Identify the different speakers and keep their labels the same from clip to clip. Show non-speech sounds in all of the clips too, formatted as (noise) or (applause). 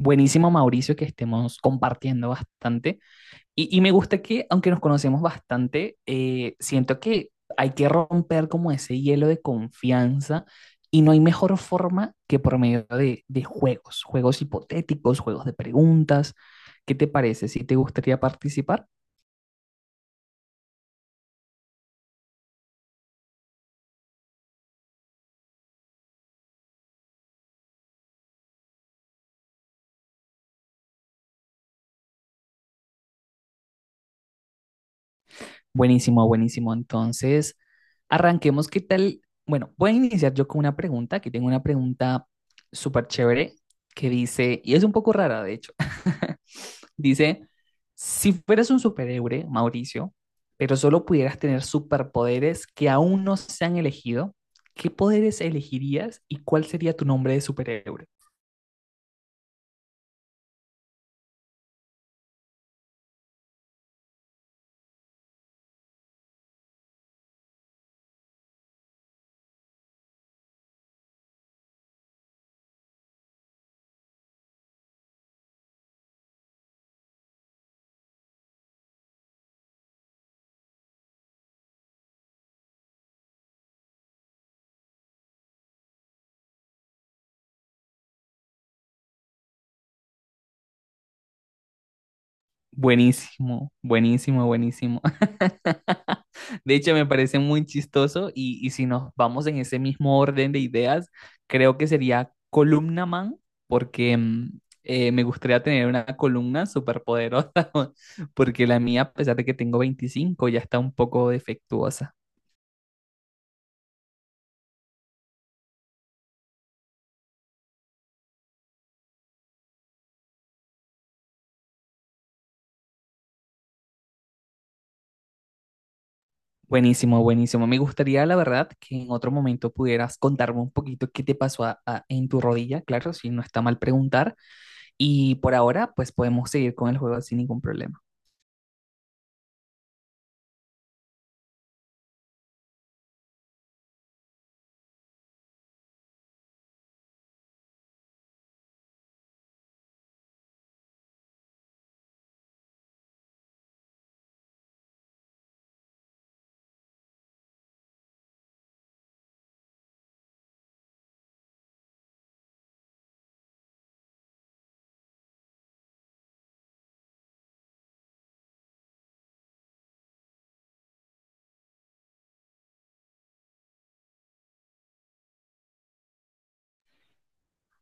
Speaker 1: Buenísimo, Mauricio, que estemos compartiendo bastante. Y me gusta que, aunque nos conocemos bastante, siento que hay que romper como ese hielo de confianza y no hay mejor forma que por medio de juegos, juegos hipotéticos, juegos de preguntas. ¿Qué te parece? ¿Si te gustaría participar? Buenísimo, buenísimo. Entonces, arranquemos. ¿Qué tal? Bueno, voy a iniciar yo con una pregunta. Aquí tengo una pregunta súper chévere que dice, y es un poco rara, de hecho. (laughs) Dice, si fueras un superhéroe, Mauricio, pero solo pudieras tener superpoderes que aún no se han elegido, ¿qué poderes elegirías y cuál sería tu nombre de superhéroe? Buenísimo, buenísimo, buenísimo. (laughs) De hecho, me parece muy chistoso y si nos vamos en ese mismo orden de ideas, creo que sería columna man, porque me gustaría tener una columna súper poderosa, (laughs) porque la mía, a pesar de que tengo 25, ya está un poco defectuosa. Buenísimo, buenísimo. Me gustaría, la verdad, que en otro momento pudieras contarme un poquito qué te pasó en tu rodilla, claro, si no está mal preguntar. Y por ahora, pues podemos seguir con el juego sin ningún problema.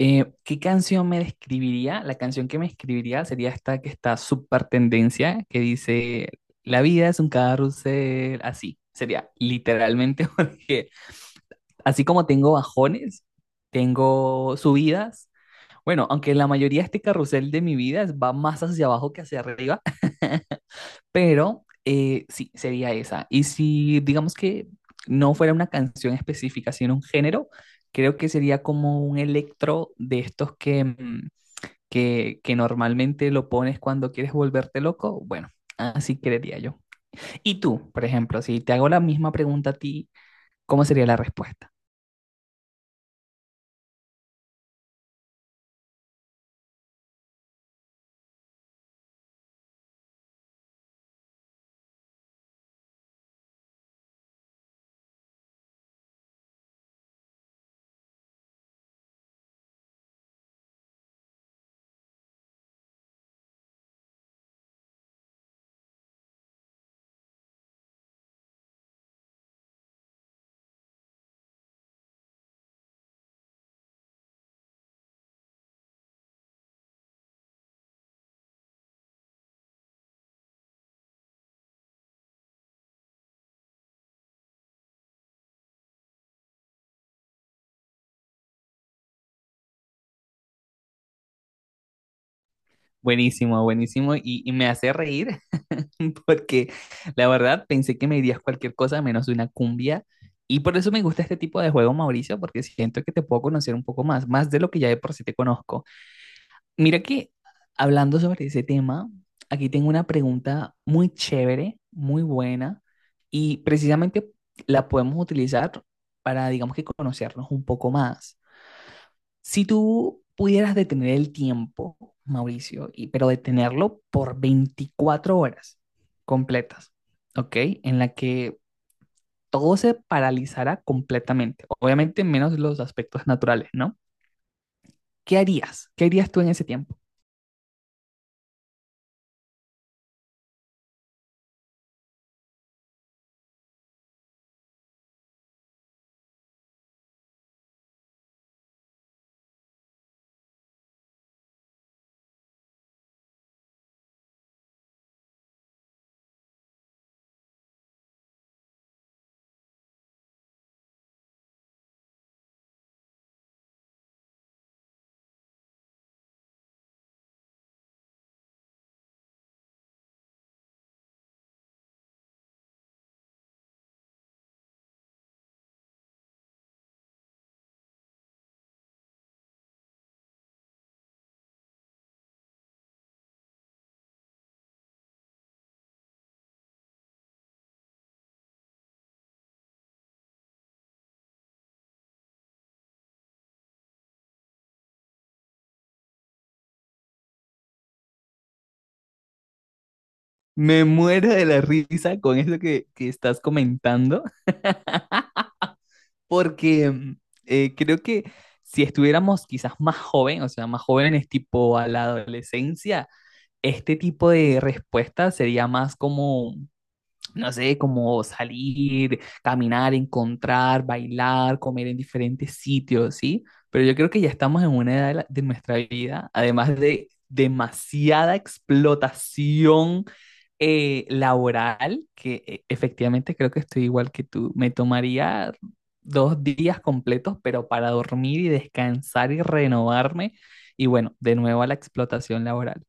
Speaker 1: ¿qué canción me describiría? La canción que me escribiría sería esta que está súper tendencia, que dice, la vida es un carrusel, así. Sería literalmente (laughs) porque así como tengo bajones, tengo subidas. Bueno, aunque la mayoría de este carrusel de mi vida va más hacia abajo que hacia arriba, pero sí, sería esa. Y si digamos que no fuera una canción específica, sino un género, creo que sería como un electro de estos que, que normalmente lo pones cuando quieres volverte loco. Bueno, así creería yo. Y tú, por ejemplo, si te hago la misma pregunta a ti, ¿cómo sería la respuesta? Buenísimo, buenísimo. Y me hace reír (laughs) porque la verdad pensé que me dirías cualquier cosa menos una cumbia. Y por eso me gusta este tipo de juego, Mauricio, porque siento que te puedo conocer un poco más, más de lo que ya de por sí te conozco. Mira que hablando sobre ese tema, aquí tengo una pregunta muy chévere, muy buena, y precisamente la podemos utilizar para, digamos que, conocernos un poco más. Si tú pudieras detener el tiempo, Mauricio, y, pero detenerlo por 24 horas completas, ¿ok? En la que todo se paralizara completamente, obviamente menos los aspectos naturales, ¿no? ¿Qué harías? ¿Qué harías tú en ese tiempo? Me muero de la risa con eso que estás comentando, porque creo que si estuviéramos quizás más jóvenes, o sea, más jóvenes tipo a la adolescencia, este tipo de respuesta sería más como, no sé, como salir, caminar, encontrar, bailar, comer en diferentes sitios, ¿sí? Pero yo creo que ya estamos en una edad de, de nuestra vida, además de demasiada explotación laboral, que efectivamente creo que estoy igual que tú. Me tomaría dos días completos, pero para dormir y descansar y renovarme. Y bueno, de nuevo a la explotación laboral.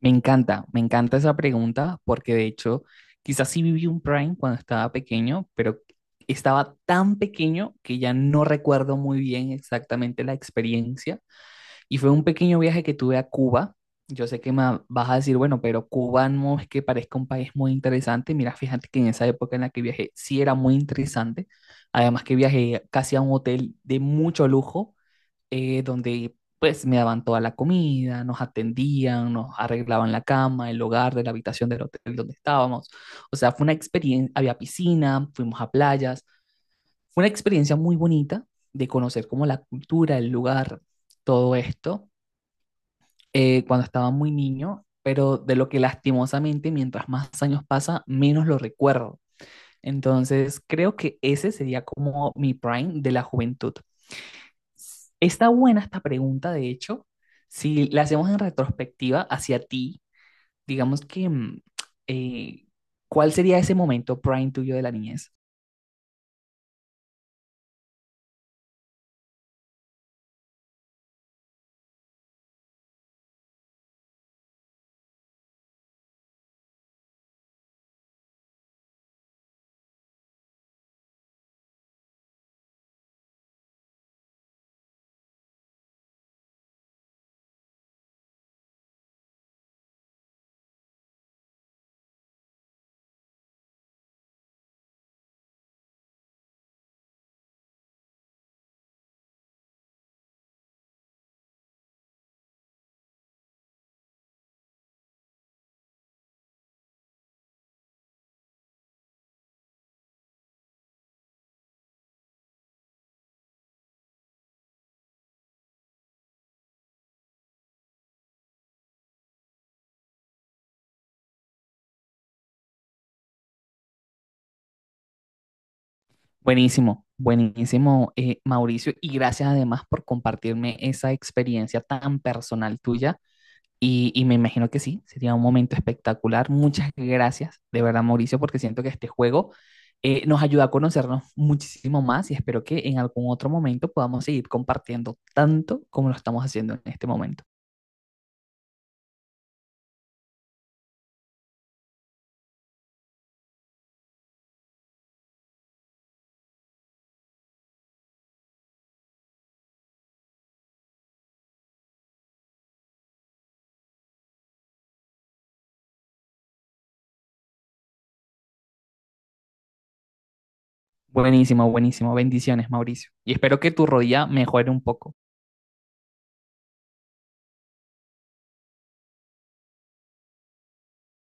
Speaker 1: Me encanta esa pregunta porque de hecho quizás sí viví un Prime cuando estaba pequeño, pero estaba tan pequeño que ya no recuerdo muy bien exactamente la experiencia. Y fue un pequeño viaje que tuve a Cuba. Yo sé que me vas a decir, bueno, pero Cuba no es que parezca un país muy interesante. Mira, fíjate que en esa época en la que viajé sí era muy interesante. Además que viajé casi a un hotel de mucho lujo, donde pues me daban toda la comida, nos atendían, nos arreglaban la cama, el hogar de la habitación del hotel donde estábamos. O sea, fue una experiencia, había piscina, fuimos a playas, fue una experiencia muy bonita de conocer como la cultura, el lugar, todo esto, cuando estaba muy niño, pero de lo que lastimosamente mientras más años pasa, menos lo recuerdo. Entonces, creo que ese sería como mi prime de la juventud. Está buena esta pregunta, de hecho, si la hacemos en retrospectiva hacia ti, digamos que, eh, ¿cuál sería ese momento prime tuyo de la niñez? Buenísimo, buenísimo, Mauricio, y gracias además por compartirme esa experiencia tan personal tuya. Y me imagino que sí, sería un momento espectacular. Muchas gracias, de verdad, Mauricio, porque siento que este juego nos ayuda a conocernos muchísimo más y espero que en algún otro momento podamos seguir compartiendo tanto como lo estamos haciendo en este momento. Buenísimo, buenísimo. Bendiciones, Mauricio. Y espero que tu rodilla mejore un poco.